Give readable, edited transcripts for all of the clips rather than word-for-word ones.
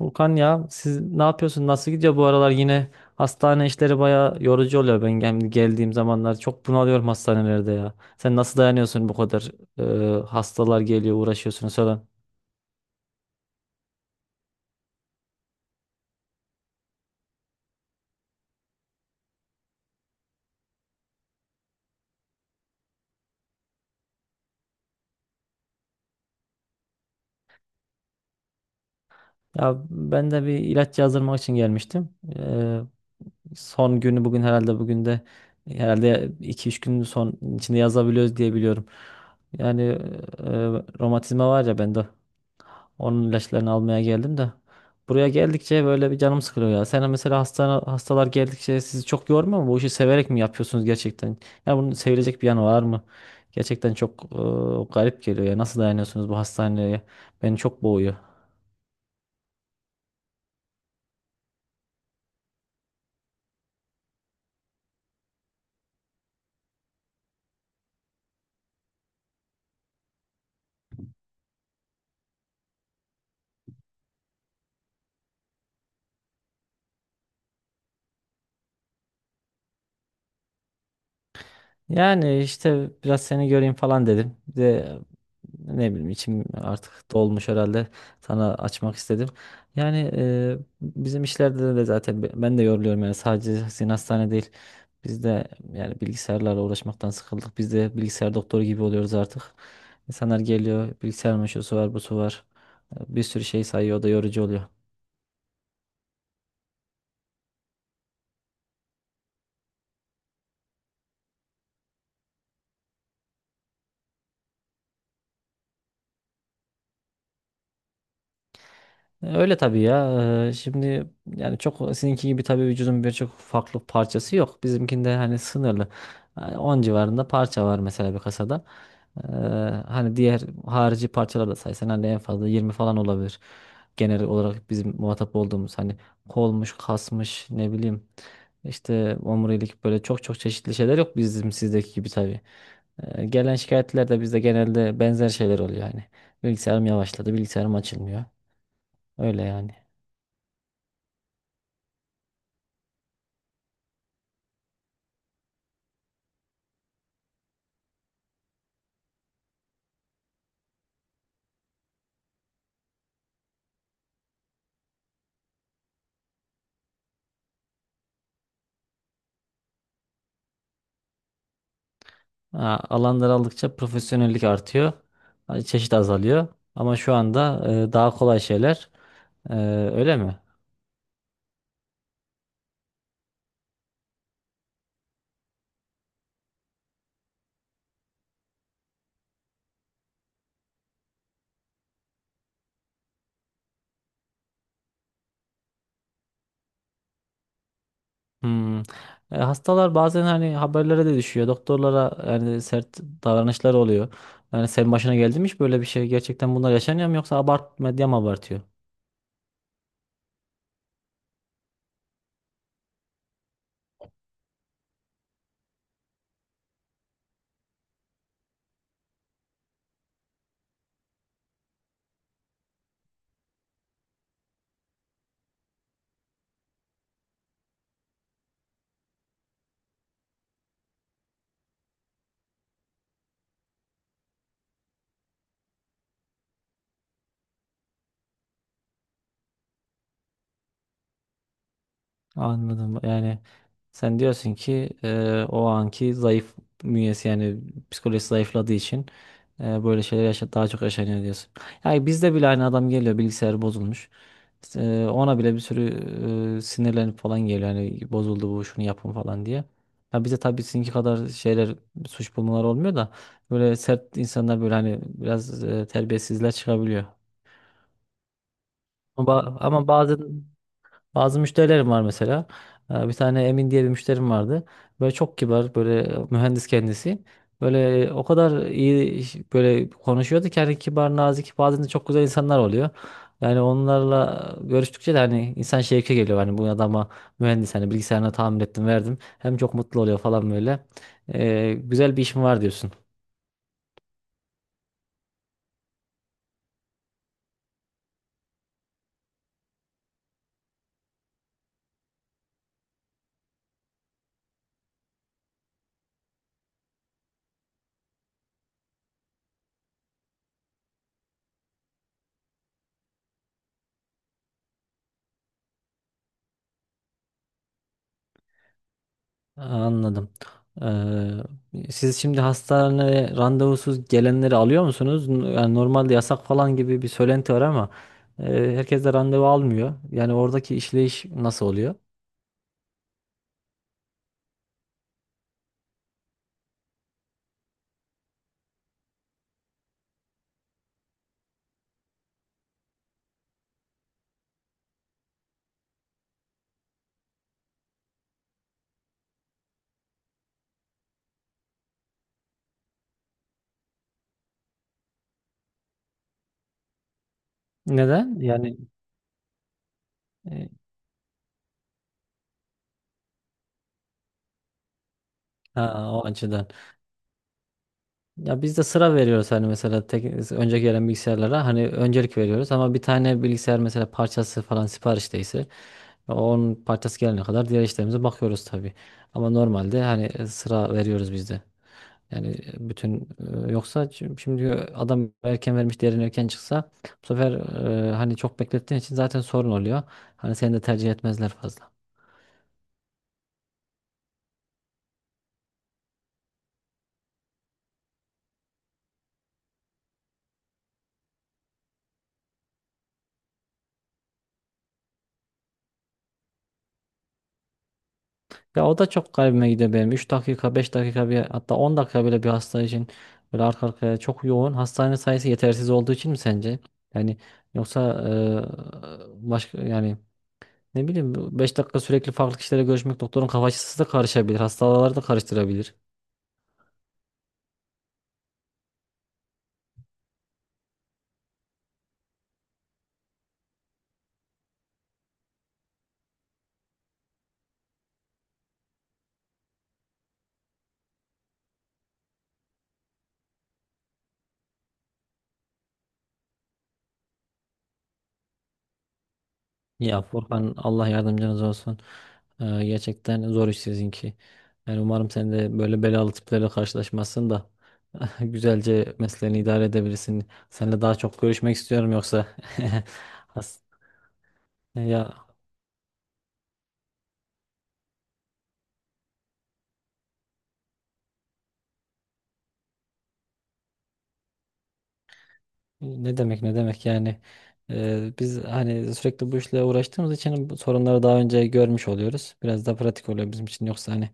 Volkan, ya siz ne yapıyorsun? Nasıl gidiyor bu aralar? Yine hastane işleri baya yorucu oluyor. Ben geldiğim zamanlar çok bunalıyorum hastanelerde ya. Sen nasıl dayanıyorsun bu kadar, hastalar geliyor, uğraşıyorsunuz falan. Ya ben de bir ilaç yazdırmak için gelmiştim. E, son günü bugün herhalde, bugün de herhalde 2-3 gün son içinde yazabiliyoruz diye biliyorum. Yani romatizma var ya bende. Onun ilaçlarını almaya geldim de. Buraya geldikçe böyle bir canım sıkılıyor ya. Sen mesela hastane, hastalar geldikçe sizi çok yormuyor mu? Bu işi severek mi yapıyorsunuz gerçekten? Ya bunun sevilecek bir yanı var mı? Gerçekten çok garip geliyor ya. Nasıl dayanıyorsunuz bu hastaneye? Beni çok boğuyor. Yani işte biraz seni göreyim falan dedim. Bir de, ne bileyim, içim artık dolmuş herhalde, sana açmak istedim. Yani bizim işlerde de zaten ben de yoruluyorum, yani sadece sizin hastane değil. Biz de yani bilgisayarlarla uğraşmaktan sıkıldık. Biz de bilgisayar doktoru gibi oluyoruz artık. İnsanlar geliyor, bilgisayar meşrusu var, busu var. Bir sürü şey sayıyor, o da yorucu oluyor. Öyle tabii ya. Şimdi, yani çok sizinki gibi tabii vücudun birçok farklı parçası yok. Bizimkinde hani sınırlı. Yani 10 civarında parça var mesela bir kasada. Ee, hani diğer harici parçalar da saysan hani en fazla 20 falan olabilir. Genel olarak bizim muhatap olduğumuz hani kolmuş, kasmış, ne bileyim işte omurilik, böyle çok çok çeşitli şeyler yok bizim sizdeki gibi tabii. Gelen şikayetler de bizde genelde benzer şeyler oluyor yani. Bilgisayarım yavaşladı, bilgisayarım açılmıyor. Öyle yani. Ha, alan daraldıkça profesyonellik artıyor. Ha, çeşit azalıyor. Ama şu anda daha kolay şeyler. E, öyle mi? Hmm. Hastalar bazen hani haberlere de düşüyor. Doktorlara yani sert davranışlar oluyor. Yani senin başına geldi mi hiç böyle bir şey? Gerçekten bunlar yaşanıyor mu, yoksa abart medya mı abartıyor? Anladım. Yani sen diyorsun ki o anki zayıf bünyesi, yani psikolojisi zayıfladığı için böyle şeyler yaşa daha çok yaşanıyor diyorsun. Yani bizde bile aynı adam geliyor, bilgisayar bozulmuş. İşte, ona bile bir sürü sinirlenip falan geliyor. Yani bozuldu bu, şunu yapın falan diye. Ya bize tabii sizinki kadar şeyler, suç bulmalar olmuyor da, böyle sert insanlar, böyle hani biraz terbiyesizler çıkabiliyor. Ama bazen bazı müşterilerim var mesela. Bir tane Emin diye bir müşterim vardı. Böyle çok kibar, böyle mühendis kendisi. Böyle o kadar iyi böyle konuşuyordu ki, hani kibar, nazik, bazen de çok güzel insanlar oluyor. Yani onlarla görüştükçe de hani insan şevke geliyor. Hani bu adama mühendis, hani bilgisayarına tamir ettim, verdim. Hem çok mutlu oluyor falan böyle. Güzel bir işim var diyorsun. Anladım. Siz şimdi hastaneye randevusuz gelenleri alıyor musunuz? Yani normalde yasak falan gibi bir söylenti var, ama e, herkes de randevu almıyor. Yani oradaki işleyiş nasıl oluyor? Neden? Yani e, ha, o açıdan. Ya biz de sıra veriyoruz, hani mesela tek, önce gelen bilgisayarlara hani öncelik veriyoruz, ama bir tane bilgisayar mesela parçası falan siparişteyse onun parçası gelene kadar diğer işlerimize bakıyoruz tabii. Ama normalde hani sıra veriyoruz biz de. Yani bütün yoksa şimdi adam erken vermiş değerini, erken çıksa bu sefer hani çok beklettiğin için zaten sorun oluyor. Hani seni de tercih etmezler fazla. Ya o da çok garibime gidiyor benim. 3 dakika, 5 dakika, bir hatta 10 dakika bile bir hasta için böyle arka arkaya çok yoğun. Hastane sayısı yetersiz olduğu için mi sence? Yani yoksa başka, yani ne bileyim, 5 dakika sürekli farklı kişilerle görüşmek, doktorun kafa açısı da karışabilir. Hastaları da karıştırabilir. Ya Furkan, Allah yardımcınız olsun. Gerçekten zor iş sizinki. Yani umarım sen de böyle belalı tiplerle karşılaşmazsın da güzelce mesleğini idare edebilirsin. Seninle daha çok görüşmek istiyorum yoksa. Has- Ya, ne demek ne demek yani. Biz hani sürekli bu işle uğraştığımız için bu sorunları daha önce görmüş oluyoruz. Biraz daha pratik oluyor bizim için, yoksa hani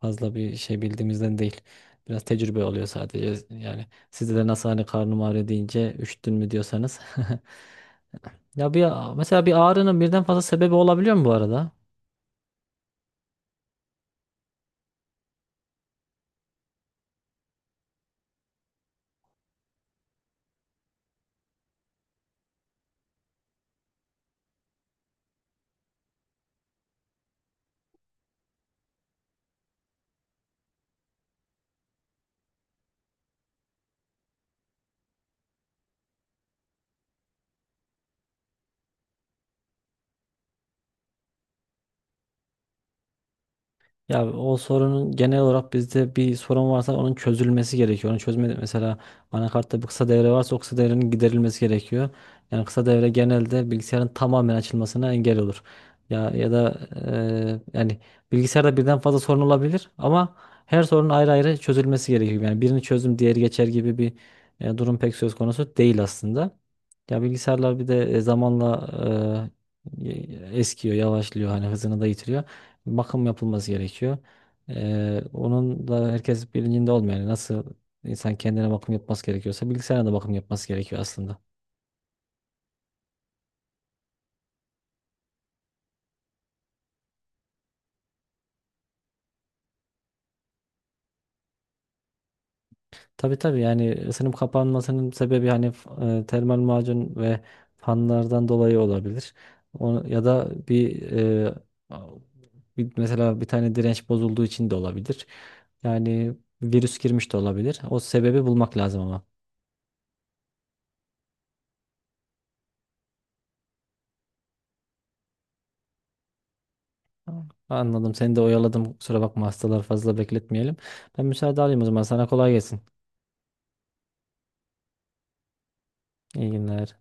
fazla bir şey bildiğimizden değil. Biraz tecrübe oluyor sadece, yani sizde de nasıl hani karnım ağrıyor deyince üşüttün mü diyorsanız. Ya bir, mesela bir ağrının birden fazla sebebi olabiliyor mu bu arada? Ya o sorunun, genel olarak bizde bir sorun varsa onun çözülmesi gerekiyor. Onu çözme mesela anakartta bir kısa devre varsa o kısa devrenin giderilmesi gerekiyor. Yani kısa devre genelde bilgisayarın tamamen açılmasına engel olur. Ya ya da yani bilgisayarda birden fazla sorun olabilir, ama her sorunun ayrı ayrı çözülmesi gerekiyor. Yani birini çözdüm diğeri geçer gibi bir durum pek söz konusu değil aslında. Ya bilgisayarlar bir de zamanla eskiyor, yavaşlıyor, hani hızını da yitiriyor, bakım yapılması gerekiyor. Onun da herkes bilincinde olmuyor. Yani nasıl insan kendine bakım yapması gerekiyorsa bilgisayara da bakım yapması gerekiyor aslında. Tabii tabii, yani ısınım kapanmasının sebebi hani termal macun ve fanlardan dolayı olabilir. O, ya da bir, e, a- bir- mesela bir tane direnç bozulduğu için de olabilir. Yani virüs girmiş de olabilir. O sebebi bulmak lazım ama. Anladım. Seni de oyaladım, kusura bakma. Hastaları fazla bekletmeyelim. Ben müsaade alayım o zaman. Sana kolay gelsin. İyi günler.